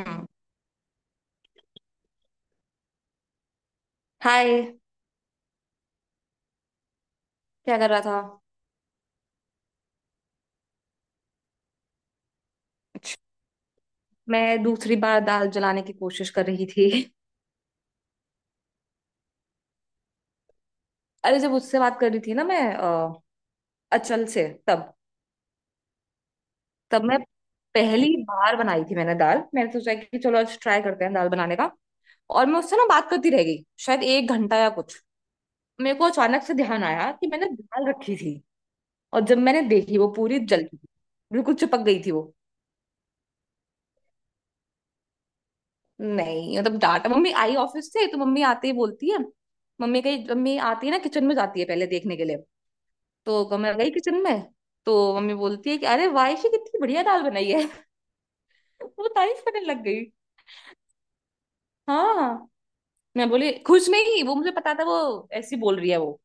हम्म। Hi. क्या कर रहा था? अच्छा, मैं दूसरी बार दाल जलाने की कोशिश कर रही थी। अरे, जब उससे बात कर रही थी ना मैं अचल से, तब तब मैं पहली बार बनाई थी मैंने दाल। मैंने सोचा कि चलो आज ट्राई करते हैं दाल बनाने का। और मैं उससे ना बात करती रह गई, शायद एक घंटा या कुछ। मेरे को अचानक से ध्यान आया कि मैंने दाल रखी थी। और जब मैंने देखी वो पूरी जल गई थी। बिल्कुल चिपक गई थी वो। नहीं, मतलब डांटा। मम्मी आई ऑफिस से तो मम्मी आते ही बोलती है। मम्मी आती है ना किचन में, जाती है पहले देखने के लिए। तो मैं गई किचन में। तो मम्मी बोलती है कि अरे वायशी, कितनी बढ़िया दाल बनाई है। वो तारीफ करने लग गई। हाँ। मैं बोली, खुश नहीं, वो मुझे पता था वो ऐसी बोल रही है वो।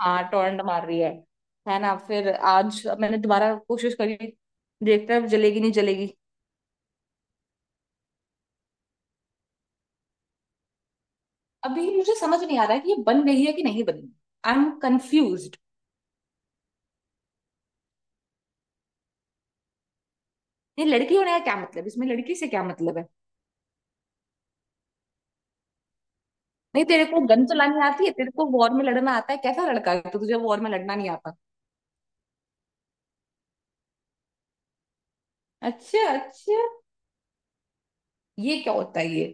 हाँ, टोरंट मार रही है ना? फिर आज मैंने दोबारा कोशिश करी। देखते हैं जलेगी नहीं जलेगी। अभी मुझे समझ नहीं आ रहा है कि ये बन गई है कि नहीं बनी। I am confuse. ये लड़की होने का क्या मतलब? इसमें लड़की से क्या मतलब है? नहीं, तेरे को गन चलानी आती है? तेरे को वॉर में लड़ना आता है? कैसा लड़का है तो तुझे वॉर में लड़ना नहीं आता। अच्छा, अच्छा। ये क्या होता है ये?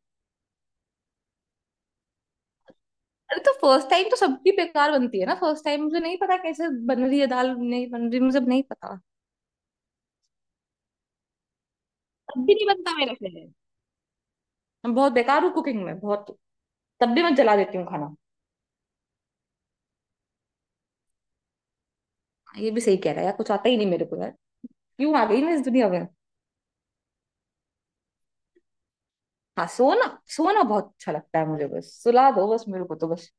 अरे तो फर्स्ट टाइम तो सबकी बेकार बनती है ना? फर्स्ट टाइम मुझे नहीं पता कैसे बन रही है दाल, नहीं बन रही, मुझे नहीं पता। तब भी नहीं बनता मेरे से। मैं बहुत बेकार हूँ कुकिंग में, बहुत। तब भी मैं जला देती हूँ खाना। हाँ, ये भी सही कह रहा है यार, कुछ आता ही नहीं मेरे को यार। क्यों आ गई मैं इस दुनिया में? हाँ, सोना। सोना बहुत अच्छा लगता है मुझे, बस सुला दो बस मेरे को, तो बस।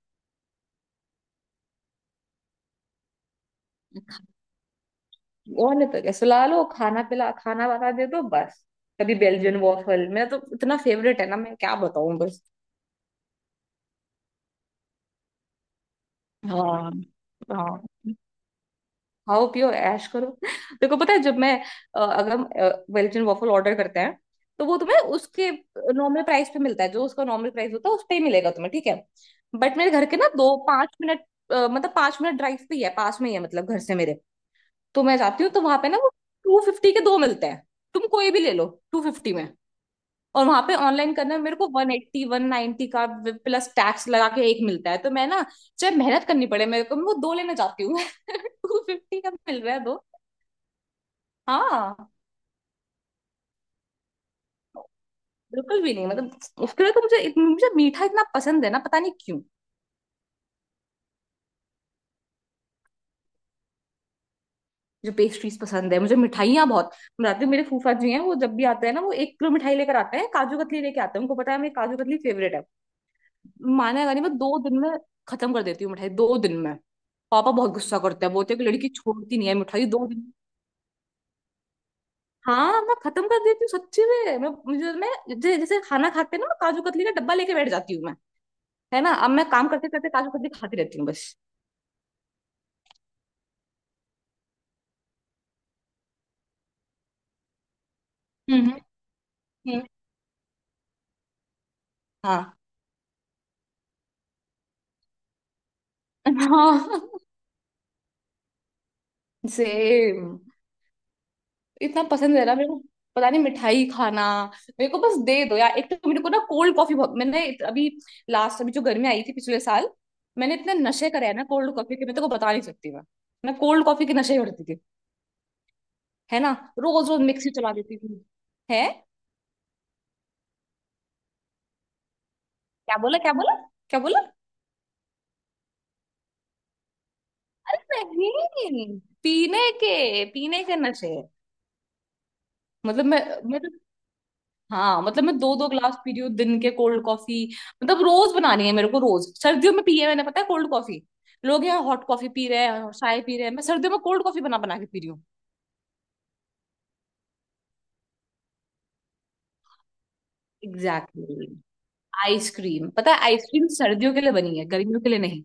और नहीं तो क्या, सुला लो, खाना पिला, खाना बना दे दो बस। कभी बेल्जियन वॉफल, मेरा तो इतना फेवरेट है ना, मैं क्या बताऊं बस। हाँ। हाँ खाओ पियो ऐश करो। देखो पता है, अगर बेल्जियन वॉफल ऑर्डर करते हैं, तो वो तुम्हें उसके नॉर्मल प्राइस पे मिलता है, जो उसका नॉर्मल प्राइस होता है उस पे ही मिलेगा तुम्हें, ठीक है। बट मेरे घर के ना दो 5 मिनट, मतलब 5 मिनट ड्राइव पे ही है, पास में ही है, मतलब घर से मेरे। तो मैं जाती हूँ तो वहां पे ना वो 250 के दो मिलते हैं। तुम कोई भी ले लो 250 में। और वहां पे ऑनलाइन करने में मेरे को 180 190 का प्लस टैक्स लगा के एक मिलता है। तो मैं ना, चाहे मेहनत करनी पड़े मेरे को, मैं वो दो लेना चाहती हूँ। 250 का मिल रहा है दो। हाँ। बिल्कुल भी नहीं, मतलब उसके लिए तो मुझे मुझे मीठा इतना पसंद है ना, पता नहीं क्यों। मुझे पेस्ट्रीज पसंद है, मुझे मिठाइयाँ बहुत। रात में मेरे फूफा जी हैं, वो जब भी आते हैं ना, वो 1 किलो मिठाई लेकर आते हैं, काजू कतली लेके आते हैं, उनको पता है मेरी काजू कतली फेवरेट है। मानेगा नहीं, मैं 2 दिन में खत्म कर देती हूँ मिठाई, 2 दिन में। पापा बहुत गुस्सा करते हैं, बोलते हैं कि लड़की छोड़ती नहीं है मिठाई 2 दिन। हाँ, मैं खत्म कर देती हूँ सच्ची में। मैं जैसे खाना खाते ना, मैं काजू कतली का डब्बा लेके बैठ जाती हूँ मैं। है ना? अब मैं काम करते करते काजू कतली खाती रहती हूँ बस। हम्म। हम्म। हाँ, हाँ। सेम। इतना पसंद है ना मेरे को, पता नहीं, मिठाई खाना। मेरे को बस दे दो यार एक। तो मेरे को ना कोल्ड कॉफी बहुत, मैंने अभी लास्ट, अभी जो गर्मी आई थी पिछले साल, मैंने इतने नशे करे हैं ना कोल्ड कॉफी के, मैं तेरे को बता नहीं सकती मैं। मैं कोल्ड कॉफी के नशे करती थी, है ना? रोज रोज मिक्सी चला देती थी। है। क्या बोला? क्या बोला? क्या बोला? अरे नहीं, पीने पीने के नशे। मतलब मैं तो, हाँ, मतलब मैं दो दो ग्लास पी रही हूँ दिन के कोल्ड कॉफी। मतलब रोज बनानी है मेरे को, रोज सर्दियों में पी है मैंने, पता है, कोल्ड कॉफी। लोग यहाँ हॉट कॉफी पी रहे हैं और चाय पी रहे हैं, मैं सर्दियों में कोल्ड कॉफी बना बना के पी रही हूँ। एग्जैक्टली। आइसक्रीम, पता है, आइसक्रीम सर्दियों के लिए बनी है, गर्मियों के लिए नहीं।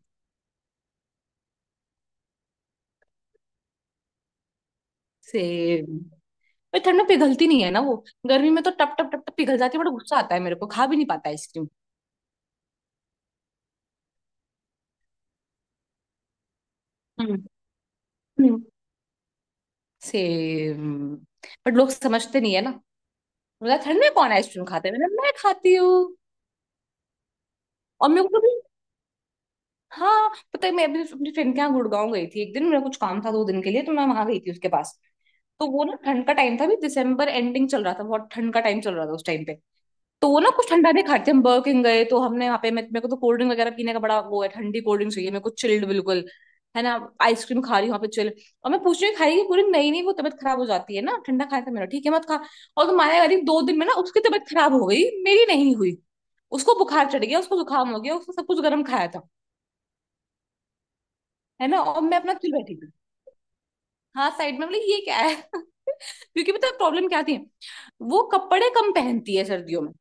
सेम। पर ठंड में पिघलती नहीं है ना वो। गर्मी में तो टप टप टप टप पिघल जाती है, बड़ा गुस्सा आता है मेरे को, खा भी नहीं पाता आइसक्रीम। हम्म। सेम। बट लोग समझते नहीं है ना, मतलब ठंड में कौन आइसक्रीम खाता है? मैं खाती हूँ। और मेरे को भी। हाँ, पता है, मैं अभी अपनी फ्रेंड के यहाँ गुड़गांव गई थी, 1 दिन मेरा कुछ काम था, 2 दिन के लिए, तो मैं वहां गई थी उसके पास। तो वो ना, ठंड का टाइम था भी, दिसंबर एंडिंग चल रहा था, बहुत ठंड का टाइम चल रहा था उस टाइम पे। तो वो ना कुछ ठंडा नहीं खाते थे, हम बर्ger किंग गए, तो हमने वहाँ पे मेरे को तो कोल्ड ड्रिंक वगैरह पीने का बड़ा वो है, ठंडी कोल्ड ड्रिंक चाहिए मेरे को चिल्ड बिल्कुल, है ना? आइसक्रीम खा रही हूँ वहाँ पे चिल। और मैं पूछ रही हूँ, खाई कि पूरी? नहीं नहीं, वो तबीयत खराब हो जाती है ना, ठंडा खाया था मेरा, ठीक है मत खा। और तो माया करी, 2 दिन में ना उसकी तबीयत खराब हो गई, मेरी नहीं हुई। उसको बुखार चढ़ गया, उसको जुकाम हो गया, उसको सब कुछ, गर्म खाया था। है ना? और मैं अपना चिल बैठी थी। हाँ, साइड में बोले ये क्या है। क्योंकि पता प्रॉब्लम क्या थी, वो कपड़े कम पहनती है सर्दियों में।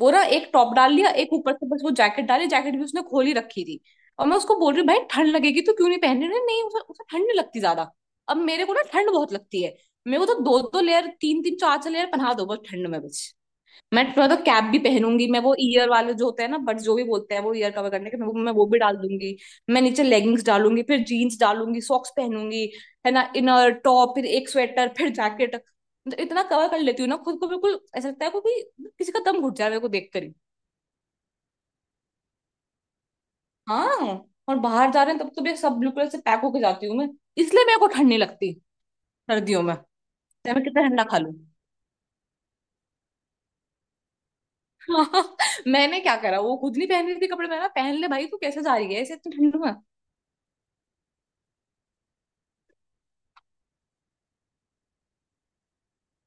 वो ना एक टॉप डाल लिया एक, ऊपर से बस वो जैकेट डाली, जैकेट भी उसने खोली रखी थी। और मैं उसको बोल रही हूँ, भाई ठंड लगेगी, तो क्यों नहीं पहन रही? नहीं, उसे उसे ठंड नहीं लगती ज्यादा। अब मेरे को ना ठंड बहुत लगती है। मेरे को तो दो दो लेयर, तीन तीन, चार चार लेयर पहना दो बस, ठंड में बस। मैं थोड़ा तो कैप भी पहनूंगी, मैं वो ईयर वाले जो होते हैं ना, बट जो भी बोलते हैं वो, ईयर कवर करने के, मैं वो भी डाल दूंगी। मैं नीचे लेगिंग्स डालूंगी, फिर जीन्स डालूंगी, सॉक्स पहनूंगी। है ना, इनर टॉप, फिर एक स्वेटर, फिर जैकेट, मतलब इतना कवर कर लेती हूँ ना खुद को, बिल्कुल ऐसा लगता है को कि किसी का दम घुट जा रहा है मेरे को देख कर ही। हाँ। और बाहर जा रहे हैं तब तो मैं सब ब्लू कलर से पैक होके जाती हूँ मैं, इसलिए मेरे को ठंड नहीं लगती सर्दियों में, चाहे मैं कितना ठंडा खा लूँ। हाँ, मैंने क्या करा, वो खुद नहीं पहन रही थी कपड़े, मैं पहन ले भाई, तू कैसे जा रही है ऐसे इतनी ठंड में।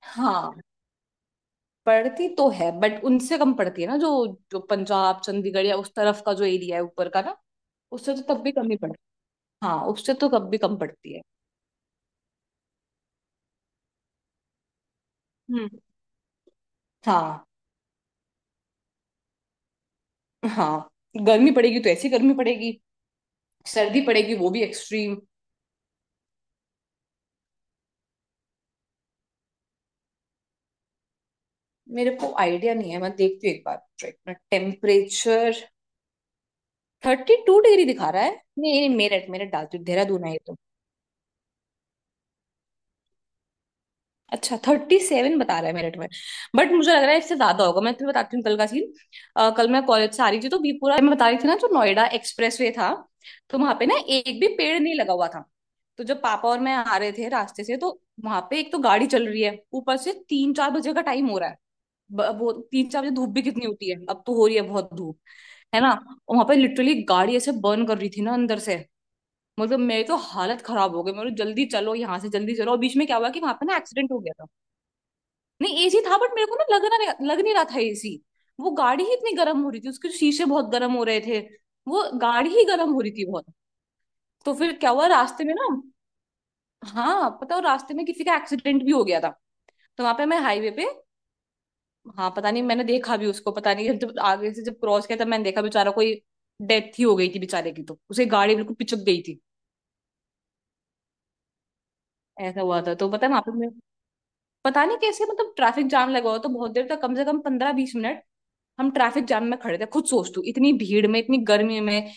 हाँ, पढ़ती तो है, बट उनसे कम पड़ती है ना, जो जो पंजाब चंडीगढ़ या उस तरफ का जो एरिया है ऊपर का ना, उससे तो तब भी कम ही पड़ती। हाँ, उससे तो कब भी कम पड़ती है। हम्म। हाँ, हाँ। गर्मी पड़ेगी तो ऐसी गर्मी पड़ेगी, सर्दी पड़ेगी वो भी एक्सट्रीम। मेरे को आइडिया नहीं है, मैं देखती हूँ एक बार, एक मिनट, टेम्परेचर। 32 डिग्री दिखा रहा है। नहीं नहीं, मेरठ, मेरठ डाल, देहरादून है ये तो। अच्छा, 37 बता रहा है मेरिट में। बट मुझे लग रहा है इससे ज्यादा होगा। मैं तुम्हें बताती हूँ कल का सीन। कल मैं कॉलेज से आ रही थी तो बीपुरा, मैं बता रही थी ना जो नोएडा एक्सप्रेस वे था। तो वहां पे ना एक भी पेड़ नहीं लगा हुआ था। तो जब पापा और मैं आ रहे थे रास्ते से, तो वहां पे एक तो गाड़ी चल रही है, ऊपर से तीन चार बजे का टाइम हो रहा है। वो तीन चार बजे धूप भी कितनी होती है, अब तो हो रही है बहुत धूप, है ना? वहां पे लिटरली गाड़ी ऐसे बर्न कर रही थी ना अंदर से, मतलब मेरी तो हालत खराब हो गई मेरे, जल्दी चलो यहाँ से, जल्दी चलो, और बीच में क्या हुआ कि वहां पे ना एक्सीडेंट हो गया था। नहीं एसी था, बट मेरे को ना लग नहीं रहा था एसी। वो गाड़ी ही इतनी गर्म हो रही थी, उसके शीशे बहुत गर्म हो रहे थे। वो गाड़ी ही गर्म हो रही थी बहुत। तो फिर क्या हुआ रास्ते में ना, हाँ पता हो, रास्ते में किसी का एक्सीडेंट भी हो गया था। तो वहां पे मैं हाईवे पे। हाँ, पता नहीं, मैंने देखा भी उसको, पता नहीं, जब आगे से जब क्रॉस किया तब मैंने देखा, बेचारा कोई, डेथ ही हो गई थी बेचारे की, तो उसे गाड़ी बिल्कुल पिचक गई थी। ऐसा हुआ था तो पता है वहां पे पता नहीं कैसे, मतलब ट्रैफिक जाम लगा हुआ तो बहुत देर तक कम से कम 15 20 मिनट हम ट्रैफिक जाम में खड़े थे। खुद सोच, तू इतनी भीड़ में, इतनी गर्मी में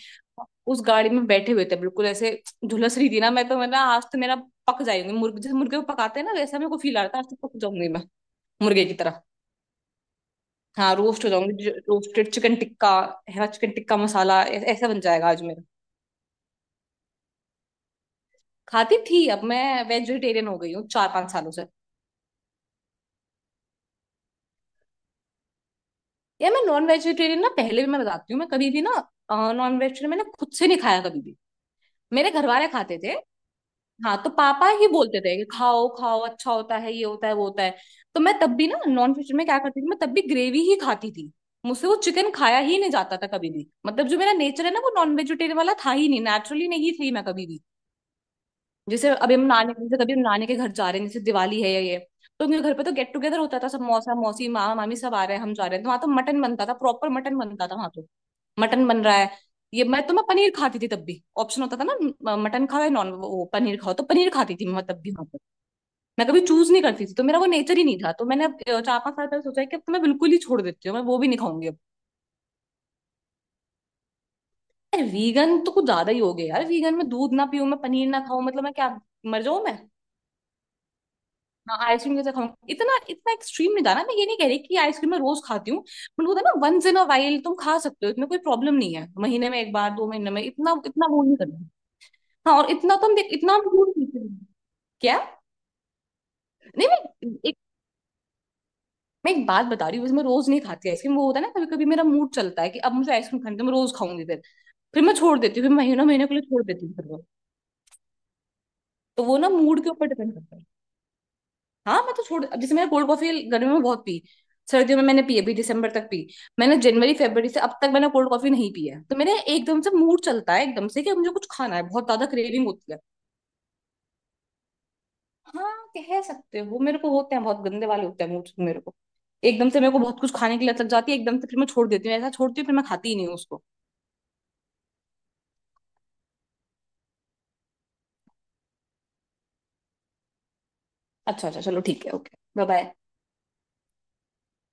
उस गाड़ी में बैठे हुए थे। बिल्कुल ऐसे झुलस रही थी ना। मैं ना आज तो मेरा पक जाएंगे मुर्गे जैसे, मुर्गे को पकाते हैं ना वैसा, मेरे को फील आ रहा था आज तो पक जाऊंगी मैं मुर्गे की तरह। हाँ, रोस्ट हो जाऊंगी, रोस्टेड चिकन टिक्का है ना, चिकन टिक्का मसाला ऐसा बन जाएगा आज मेरा। खाती थी, अब मैं वेजिटेरियन हो गई हूँ 4 5 सालों से। यार मैं नॉन वेजिटेरियन ना, पहले भी मैं बताती हूँ मैं कभी भी ना, नॉन वेजिटेरियन मैंने खुद से नहीं खाया कभी भी। मेरे घर वाले खाते थे। हाँ तो पापा ही बोलते थे कि खाओ खाओ, अच्छा होता है, ये होता है वो होता है। तो मैं तब भी ना नॉन वेज में क्या करती थी, मैं तब भी ग्रेवी ही खाती थी। मुझसे वो चिकन खाया ही नहीं जाता था कभी भी। मतलब जो मेरा नेचर है ना, वो नॉन वेजिटेरियन वाला था ही नहीं। नेचुरली नहीं थी मैं कभी भी। जैसे अभी हम नानी, जैसे कभी हम नानी के घर जा रहे हैं, जैसे दिवाली है या ये, तो मेरे घर पे तो गेट टुगेदर होता था। सब मौसा मौसी मामा मामी सब आ रहे हैं, हम जा रहे हैं तो वहां तो मटन बनता था, प्रॉपर मटन बनता था वहां तो। मटन बन रहा है। ये मैं पनीर खाती थी तब भी, ऑप्शन होता था ना मटन खाओ या नॉन, वो पनीर खाओ, तो पनीर खाती थी मैं तब भी वहां पर। मैं कभी चूज नहीं करती थी, तो मेरा वो नेचर ही नहीं था। तो मैंने अब 4 5 साल पहले सोचा है कि अब तो मैं बिल्कुल ही छोड़ देती हूँ, मैं वो भी नहीं खाऊंगी अब। यार वीगन तो कुछ ज्यादा ही हो गया यार। वीगन में दूध ना पीऊं, मैं पनीर ना खाऊं, मतलब मैं क्या मर जाऊं मैं। हाँ, आइसक्रीम कैसे खाऊंगी? इतना इतना एक्सट्रीम नहीं था ना। मैं ये नहीं कह रही कि आइसक्रीम मैं रोज खाती हूँ, बट वो था ना वंस इन अ वाइल तुम खा सकते हो, इसमें कोई प्रॉब्लम नहीं है। महीने में एक बार, दो महीने में, इतना इतना वो नहीं करना। हाँ, और इतना तो हम देख, इतना हम दूर नहीं थे। क्या? नहीं, मैं एक बात बता रही हूँ। वैसे मैं रोज नहीं खाती आइसक्रीम, वो होता है ना कभी कभी मेरा मूड चलता है कि अब मुझे आइसक्रीम खानी है, तो मैं रोज खाऊंगी फिर। फिर मैं छोड़ देती हूँ, फिर महीनों महीने के लिए छोड़ देती हूँ फिर वो। तो वो ना मूड के ऊपर डिपेंड करता है। हाँ मैं तो छोड़, अब जैसे मैंने कोल्ड कॉफी गर्मी में बहुत पी, सर्दियों में मैंने पी, अभी दिसंबर तक पी। मैंने जनवरी फरवरी से अब तक मैंने कोल्ड कॉफी नहीं पी है। तो मेरे एकदम से मूड चलता है एकदम से कि मुझे कुछ खाना है, बहुत ज्यादा क्रेविंग होती है। हाँ, कह सकते हो, मेरे को होते हैं बहुत गंदे वाले होते हैं मूड मेरे को। एकदम से मेरे को बहुत कुछ खाने की लत लग जाती है एकदम से, फिर मैं छोड़ देती हूँ, ऐसा छोड़ती हूँ फिर मैं खाती ही नहीं हूँ उसको। अच्छा अच्छा, चलो ठीक है, ओके बाय बाय।